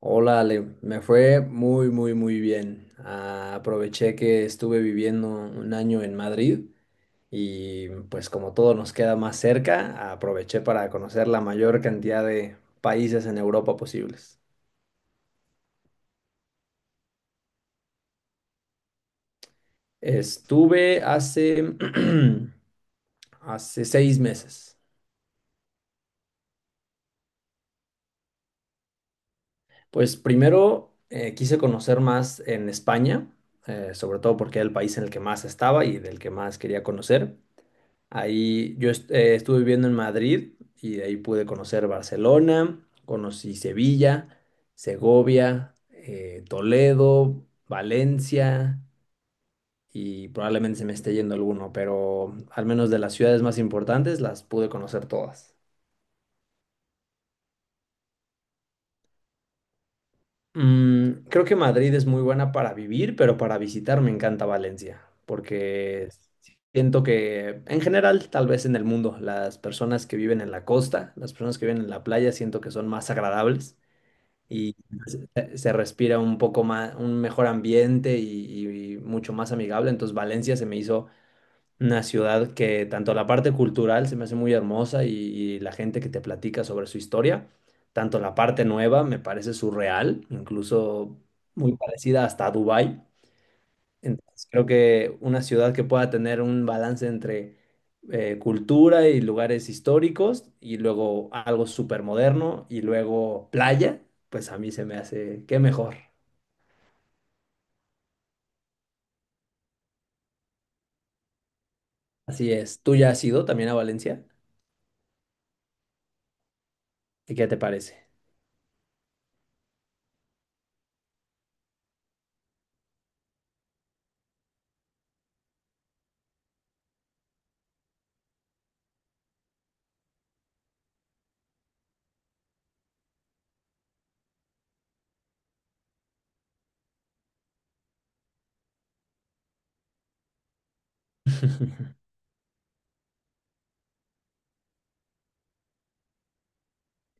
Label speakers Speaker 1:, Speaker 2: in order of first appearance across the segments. Speaker 1: Hola Ale, me fue muy, muy, muy bien. Ah, aproveché que estuve viviendo un año en Madrid y pues como todo nos queda más cerca, aproveché para conocer la mayor cantidad de países en Europa posibles. Estuve hace, hace 6 meses. Pues primero quise conocer más en España, sobre todo porque era el país en el que más estaba y del que más quería conocer. Ahí yo estuve viviendo en Madrid y de ahí pude conocer Barcelona, conocí Sevilla, Segovia, Toledo, Valencia y probablemente se me esté yendo alguno, pero al menos de las ciudades más importantes las pude conocer todas. Creo que Madrid es muy buena para vivir, pero para visitar me encanta Valencia, porque siento que en general, tal vez en el mundo, las personas que viven en la costa, las personas que viven en la playa, siento que son más agradables y se respira un poco más, un mejor ambiente y mucho más amigable. Entonces Valencia se me hizo una ciudad que tanto la parte cultural se me hace muy hermosa y la gente que te platica sobre su historia, tanto la parte nueva me parece surreal, incluso muy parecida hasta a Dubái. Entonces creo que una ciudad que pueda tener un balance entre cultura y lugares históricos y luego algo súper moderno y luego playa, pues a mí se me hace qué mejor. Así es. ¿Tú ya has ido también a Valencia? ¿Y qué te parece?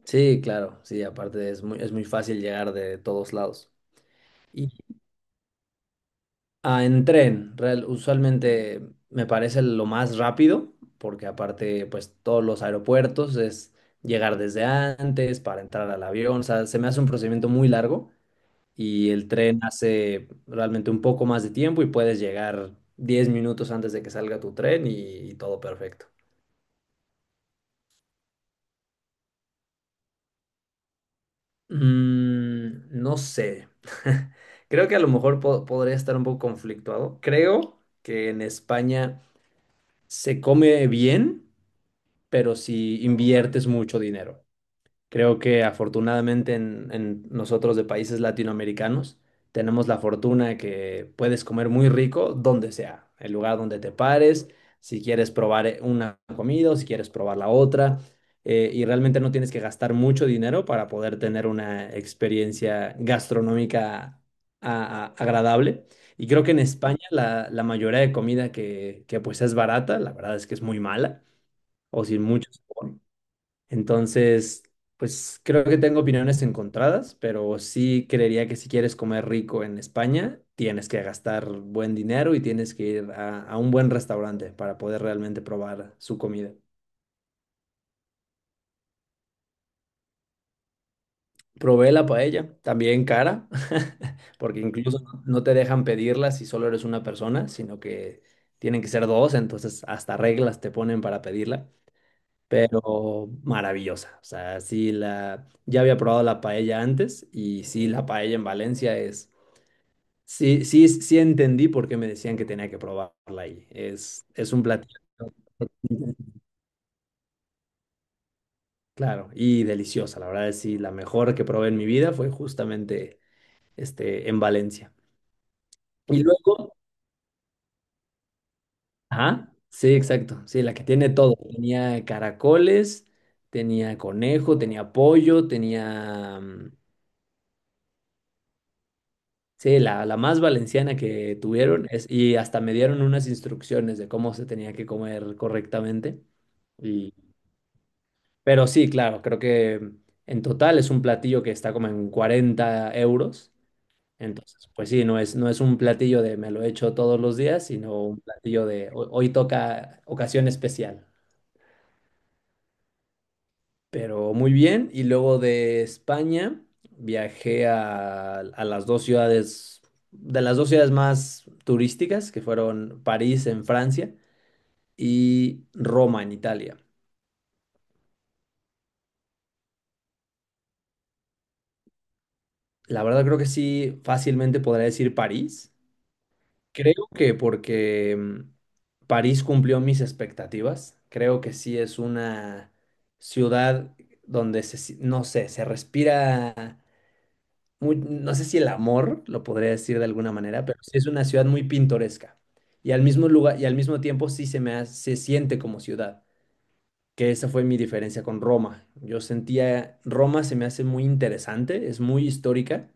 Speaker 1: Sí, claro, sí, aparte es muy fácil llegar de todos lados. Y en tren, usualmente me parece lo más rápido, porque aparte, pues todos los aeropuertos es llegar desde antes para entrar al avión, o sea, se me hace un procedimiento muy largo y el tren hace realmente un poco más de tiempo y puedes llegar 10 minutos antes de que salga tu tren y todo perfecto. Mm, no sé. Creo que a lo mejor podría estar un poco conflictuado. Creo que en España se come bien, pero si inviertes mucho dinero. Creo que afortunadamente en, nosotros de países latinoamericanos tenemos la fortuna de que puedes comer muy rico donde sea, el lugar donde te pares, si quieres probar una comida o si quieres probar la otra, y realmente no tienes que gastar mucho dinero para poder tener una experiencia gastronómica agradable. Y creo que en España la, mayoría de comida que pues es barata, la verdad es que es muy mala o sin mucho sabor. Entonces, pues creo que tengo opiniones encontradas, pero sí creería que si quieres comer rico en España, tienes que gastar buen dinero y tienes que ir a, un buen restaurante para poder realmente probar su comida. Probé la paella, también cara, porque incluso no te dejan pedirla si solo eres una persona, sino que tienen que ser dos, entonces hasta reglas te ponen para pedirla. Pero maravillosa. O sea, ya había probado la paella antes y sí, la paella en Valencia es, sí, sí, sí entendí por qué me decían que tenía que probarla ahí. Es un platillo, claro, y deliciosa. La verdad es sí, la mejor que probé en mi vida fue justamente este, en Valencia. Y luego, ajá, sí, exacto, sí, la que tiene todo. Tenía caracoles, tenía conejo, tenía pollo, tenía. Sí, la, más valenciana que tuvieron es, y hasta me dieron unas instrucciones de cómo se tenía que comer correctamente. Y, pero sí, claro, creo que en total es un platillo que está como en 40 euros. Entonces, pues sí, no es, un platillo de me lo echo todos los días, sino un platillo de hoy toca ocasión especial. Pero muy bien, y luego de España viajé a las dos ciudades, de las dos ciudades más turísticas, que fueron París en Francia y Roma en Italia. La verdad creo que sí, fácilmente podría decir París. Creo que porque París cumplió mis expectativas. Creo que sí es una ciudad donde se, no sé, se respira no sé si el amor, lo podría decir de alguna manera, pero sí es una ciudad muy pintoresca. Y al mismo lugar, y al mismo tiempo sí se siente como ciudad, que esa fue mi diferencia con Roma. Yo sentía, Roma se me hace muy interesante, es muy histórica,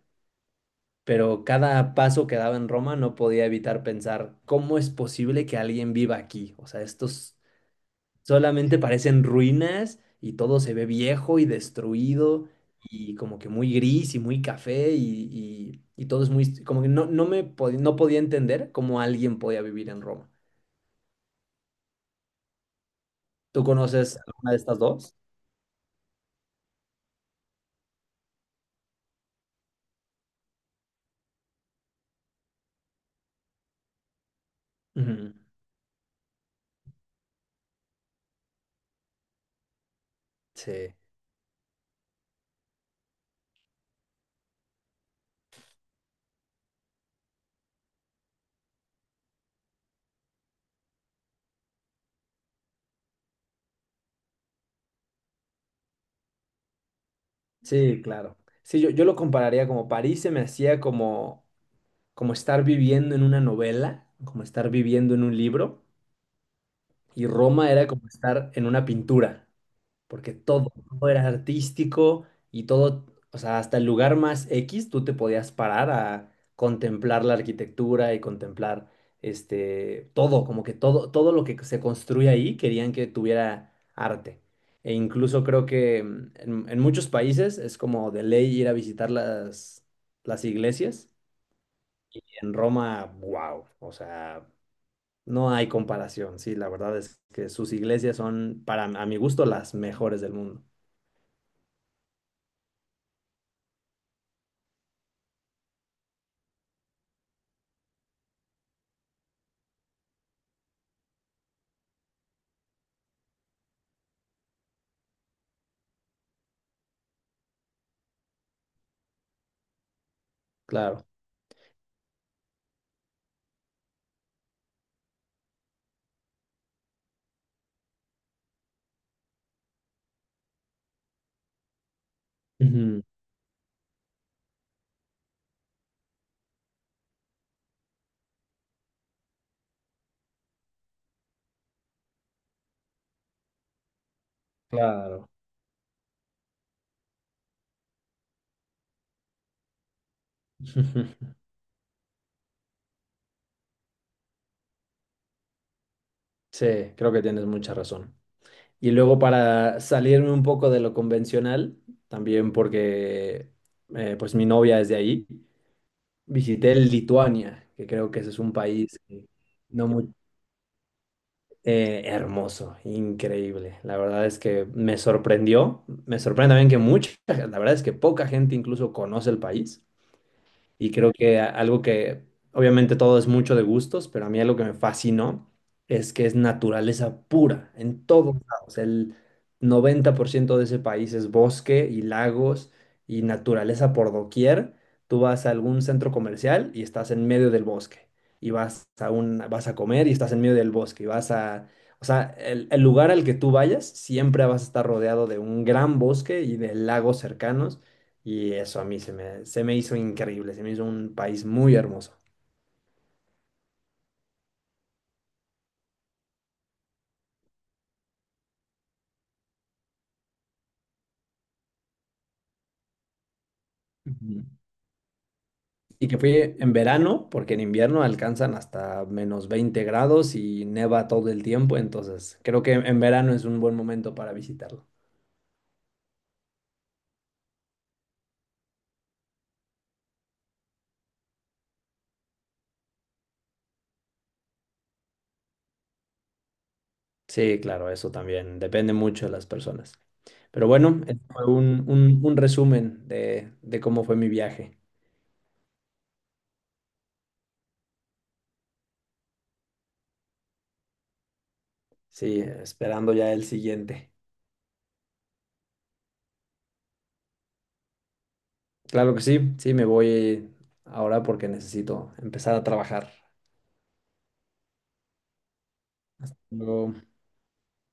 Speaker 1: pero cada paso que daba en Roma no podía evitar pensar, ¿cómo es posible que alguien viva aquí? O sea, estos solamente parecen ruinas y todo se ve viejo y destruido y como que muy gris y muy café y todo es muy. Como que no, no podía entender cómo alguien podía vivir en Roma. ¿Tú conoces alguna de estas dos? Ujú. Sí, sí, claro. Sí, yo lo compararía como París se me hacía como, como estar viviendo en una novela, como estar viviendo en un libro y Roma era como estar en una pintura. Porque todo, todo era artístico y todo, o sea, hasta el lugar más X tú te podías parar a contemplar la arquitectura y contemplar este todo, como que todo, todo lo que se construye ahí querían que tuviera arte. E incluso creo que en, muchos países es como de ley ir a visitar las, iglesias. Y en Roma, wow, o sea, no hay comparación. Sí, la verdad es que sus iglesias son, para, a mi gusto, las mejores del mundo. Claro. Ujú. Claro. Sí, creo que tienes mucha razón. Y luego para salirme un poco de lo convencional, también porque pues mi novia es de ahí, visité Lituania, que creo que ese es un país que no muy hermoso, increíble. La verdad es que me sorprendió, me sorprende también que mucha, la verdad es que poca gente incluso conoce el país. Y creo que algo que, obviamente todo es mucho de gustos, pero a mí algo que me fascinó es que es naturaleza pura en todos lados. El 90% de ese país es bosque y lagos y naturaleza por doquier. Tú vas a algún centro comercial y estás en medio del bosque. Y vas a comer y estás en medio del bosque. Y vas a, o sea, el lugar al que tú vayas siempre vas a estar rodeado de un gran bosque y de lagos cercanos. Y eso a mí se me hizo increíble, se me hizo un país muy hermoso. Ujú. Y que fui en verano, porque en invierno alcanzan hasta -20 grados y neva todo el tiempo, entonces creo que en verano es un buen momento para visitarlo. Sí, claro, eso también depende mucho de las personas. Pero bueno, este fue un resumen de cómo fue mi viaje. Sí, esperando ya el siguiente. Claro que sí, sí, me voy ahora porque necesito empezar a trabajar. Luego